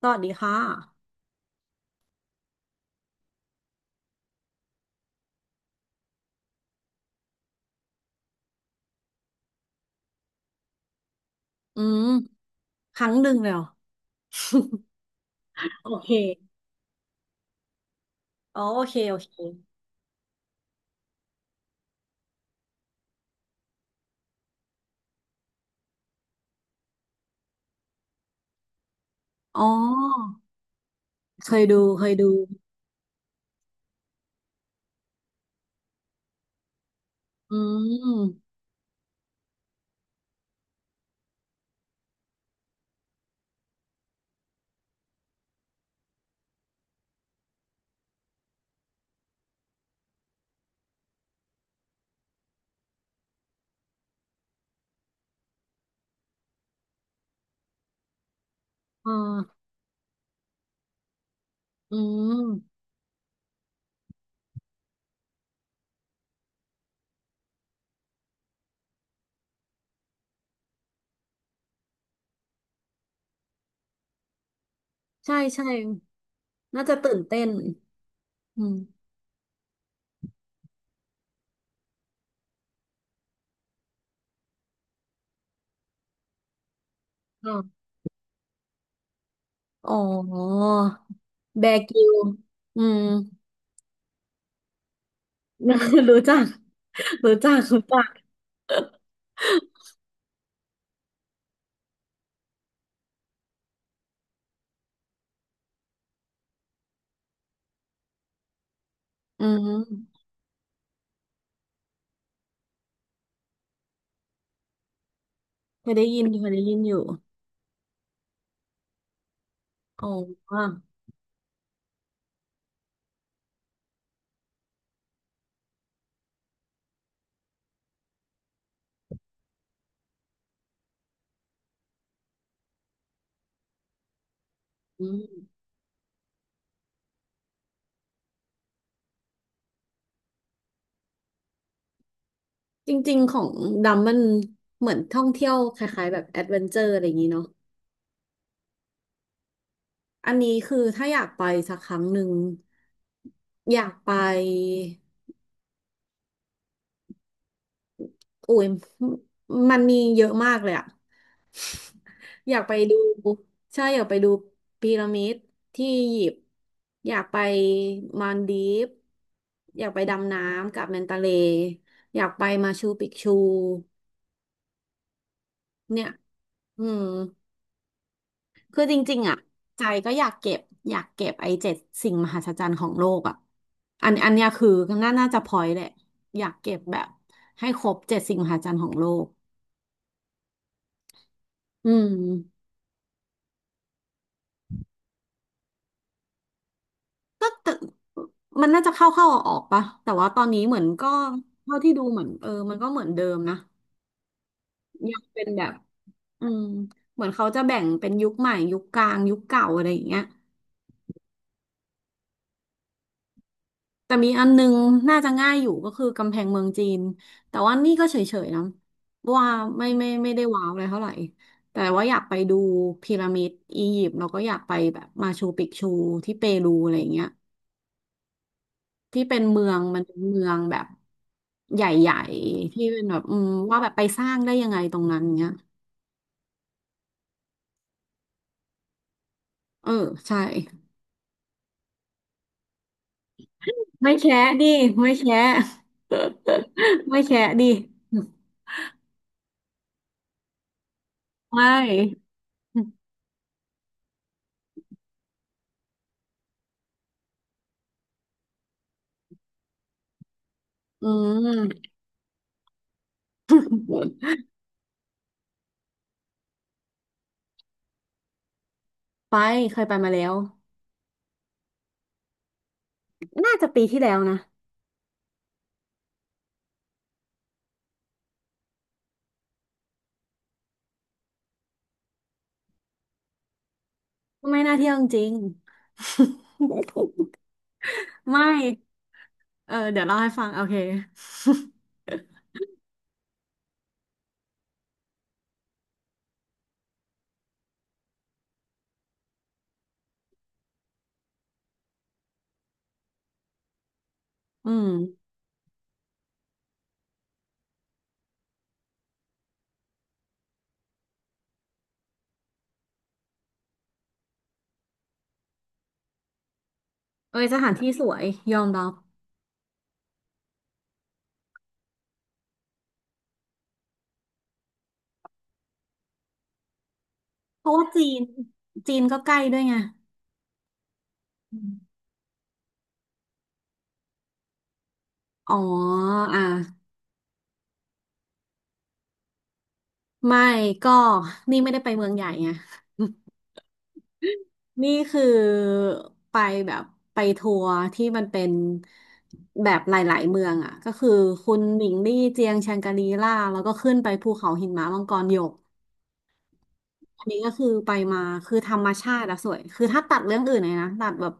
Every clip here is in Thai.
สวัสดีค่ะ อืมครั้งหนึ่งเลยเหรอ โอเคอ๋อโอเค โอเค อ๋อ เคยดู เคยดู อืมอ่าอืมใช่ใช่น่าจะตื่นเต้นอืมอ่าอ๋อแบร์กริลส์อืม รู้จัก รู้จัก รู้จักอืมเคยได้ยินเคยได้ยินอยู่อ๋ออืมจริงๆ ของดำมันเหมือนท่องเที่ยวคล้ายๆแบบแอดเวนเจอร์อะไรอย่างนี้เนาะ อันนี้คือถ้าอยากไปสักครั้งหนึ่งอยากไปโอ้ยมันมีเยอะมากเลยอะอยากไปดูใช่อยากไปดูพีระมิดที่อียิปต์อยากไปมาลดีฟส์อยากไปดำน้ำกับแมนตาเลอยากไปมาชูปิกชูเนี่ยอืม คือจริงๆอ่ะใจก็อยากเก็บอยากเก็บไอ้เจ็ดสิ่งมหัศจรรย์ของโลกอ่ะอันอันเนี้ยคือน่าน่าจะพอยแหละอยากเก็บแบบให้ครบเจ็ดสิ่งมหัศจรรย์ของโลกอืมมันน่าจะเข้าเข้าออกออกๆปะแต่ว่าตอนนี้เหมือนก็เท่าที่ดูเหมือนเออมันก็เหมือนเดิมนะยังเป็นแบบอืมเหมือนเขาจะแบ่งเป็นยุคใหม่ยุคกลางยุคเก่าอะไรอย่างเงี้ย แต่มีอันนึงน่าจะง่ายอยู่ก็คือกำแพงเมืองจีนแต่ว่านี่ก็เฉยๆนะว่าไม่ไม่ได้ว้าวอะไรเท่าไหร่แต่ว่าอยากไปดูพีระมิดอียิปต์แล้วก็อยากไปแบบมาชูปิกชูที่เปรูอะไรอย่างเงี้ยที่เป็นเมืองเป็นเมืองแบบใหญ่ๆที่เป็นแบบว่าแบบไปสร้างได้ยังไงตรงนั้นเงี้ยเออใช่ไม่แชะดิไม่แชะ ไม่แชะดิไม่อืม ไปเคยไปมาแล้วน่าจะปีที่แล้วนะไม่น่าเที่ยวจริงๆ ไม่เออเดี๋ยวเล่าให้ฟังโอเค อืมเอ้ยสถานที่สวยยอมรับเพราะว่าจีนก็ใกล้ด้วยไงอืมอ๋ออ่ะไม่ก็นี่ไม่ได้ไปเมืองใหญ่ไงนี่คือไปแบบไปทัวร์ที่มันเป็นแบบหลายๆเมืองอ่ะก็คือคุณหมิงลี่เจียงแชงกรีล่าแล้วก็ขึ้นไปภูเขาหินหมามังกรหยก อันนี้ก็คือไปมาคือธรรมชาติอะสวยคือถ้าตัดเรื่องอื่นเลยนะตัดแบบ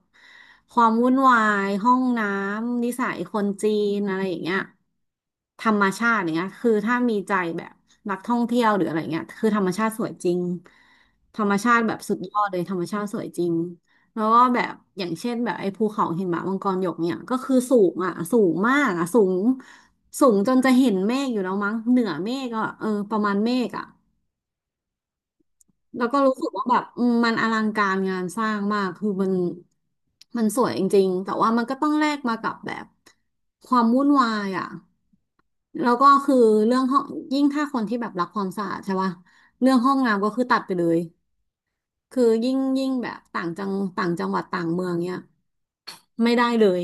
ความวุ่นวายห้องน้ำนิสัยคนจีนอะไรอย่างเงี้ยธรรมชาติอย่างเงี้ยคือถ้ามีใจแบบนักท่องเที่ยวหรืออะไรเงี้ยคือธรรมชาติสวยจริงธรรมชาติแบบสุดยอดเลยธรรมชาติสวยจริงแล้วก็แบบอย่างเช่นแบบไอ้ภูเขาหิมะมังกรหยกเนี่ยก็คือสูงอ่ะสูงมากอ่ะสูงสูงจนจะเห็นเมฆอยู่แล้วมั้งเหนือเมฆอ่ะเออประมาณเมฆอ่ะ แล้วก็รู้สึกว่าแบบมันอลังการงานสร้างมากคือมันสวยจริงๆแต่ว่ามันก็ต้องแลกมากับแบบความวุ่นวายอ่ะแล้วก็คือเรื่องห้องยิ่งถ้าคนที่แบบรักความสะอาดใช่ป่ะเรื่องห้องน้ำก็คือตัดไปเลยคือยิ่งแบบต่างจังหวัดต่างเมืองเนี้ยไม่ได้เลย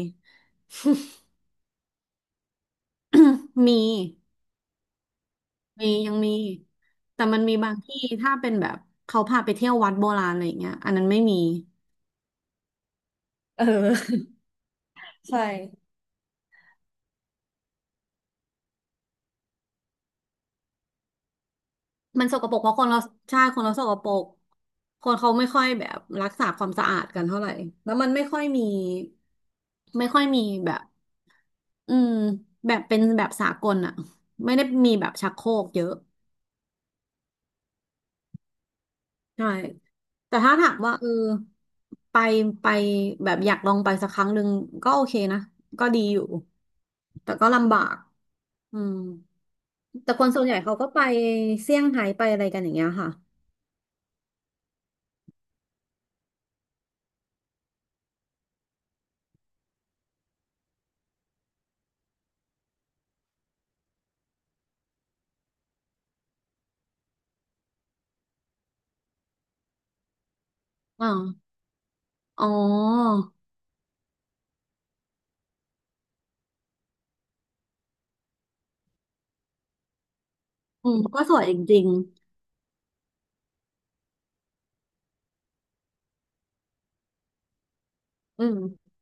มีมียังมีแต่มันมีบางที่ถ้าเป็นแบบเขาพาไปเที่ยววัดโบราณอะไรอย่างเงี้ยอันนั้นไม่มีเออ ใช่ มันสกปรกเพราะคนเราใช่คนเราสกปรกคนเขาไม่ค่อยแบบรักษาความสะอาดกันเท่าไหร่แล้วมันไม่ค่อยมีไม่ค่อยมีแบบอืมแบบเป็นแบบสากลอะไม่ได้มีแบบชักโครกเยอะใช่แต่ถ้าถามว่าเออไปไปแบบอยากลองไปสักครั้งหนึ่งก็โอเคนะก็ดีอยู่แต่ก็ลำบากอืมแต่คนส่วนใหญ่เขาก็ไปเซี่ยงไฮ้ไปอะไรกันอย่างเงี้ยค่ะอ่าอ๋ออืมก็สวยจริง อืม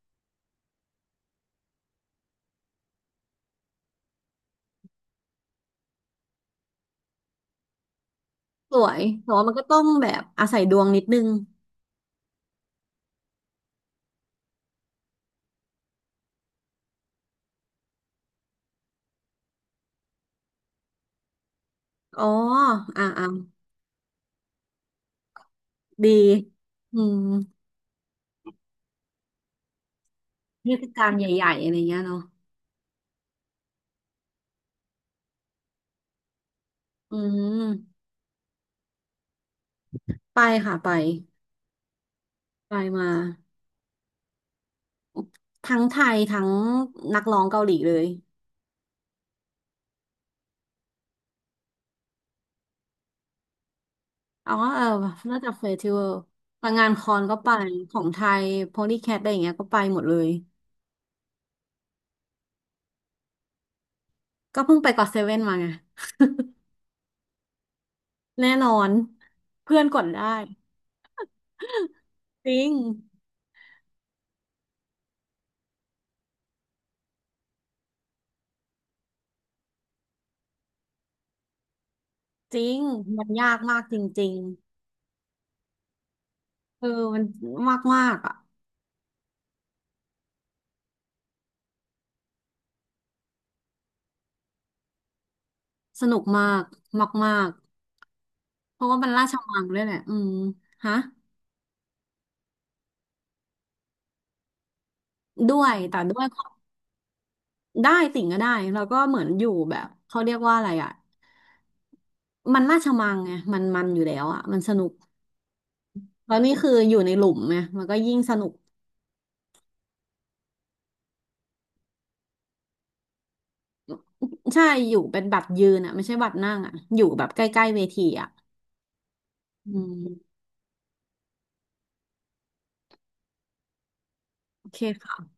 สวยแต่ว่ามันก็ต้องแบบอาศัยดวงนิดนึงอ๋ออ่าอ่าดีอืมเทศกาลใหญ่ๆอะไรเงี้ยเนาะอืมไปค่ะไปไปมาทั้งไทยทั้งนักร้องเกาหลีเลยอ๋อเออน่าจะเฟสติวัลแต่งานคอนก็ไปของไทยโพลีแคทอะไรอย่างเงี้ยก็ไปหมดเลยก็เพิ่งไปก็อตเซเว่นมาไงแน่นอนเพื่อนกดได้จริงจริงมันยากมากจริง เออมันมากมากอ่ะสนุกมากมากมากเพราะว่ามันราชมังด้วยแหละอืมฮะด้วยแต่ด้วยได้ติ่งก็ได้แล้วก็เหมือนอยู่แบบเขาเรียกว่าอะไรอ่ะมันราชมังไงมันอยู่แล้วอ่ะมันสนุกแล้วนี่คืออยู่ในหลุมไงมันก็ยิ่งสนุกใช่อยู่เป็นบัตรยืนอ่ะไม่ใช่บัตรนั่งอ่ะอยู่แบบใกล้ๆเวทีอ่ะอืมโอเคค่ะ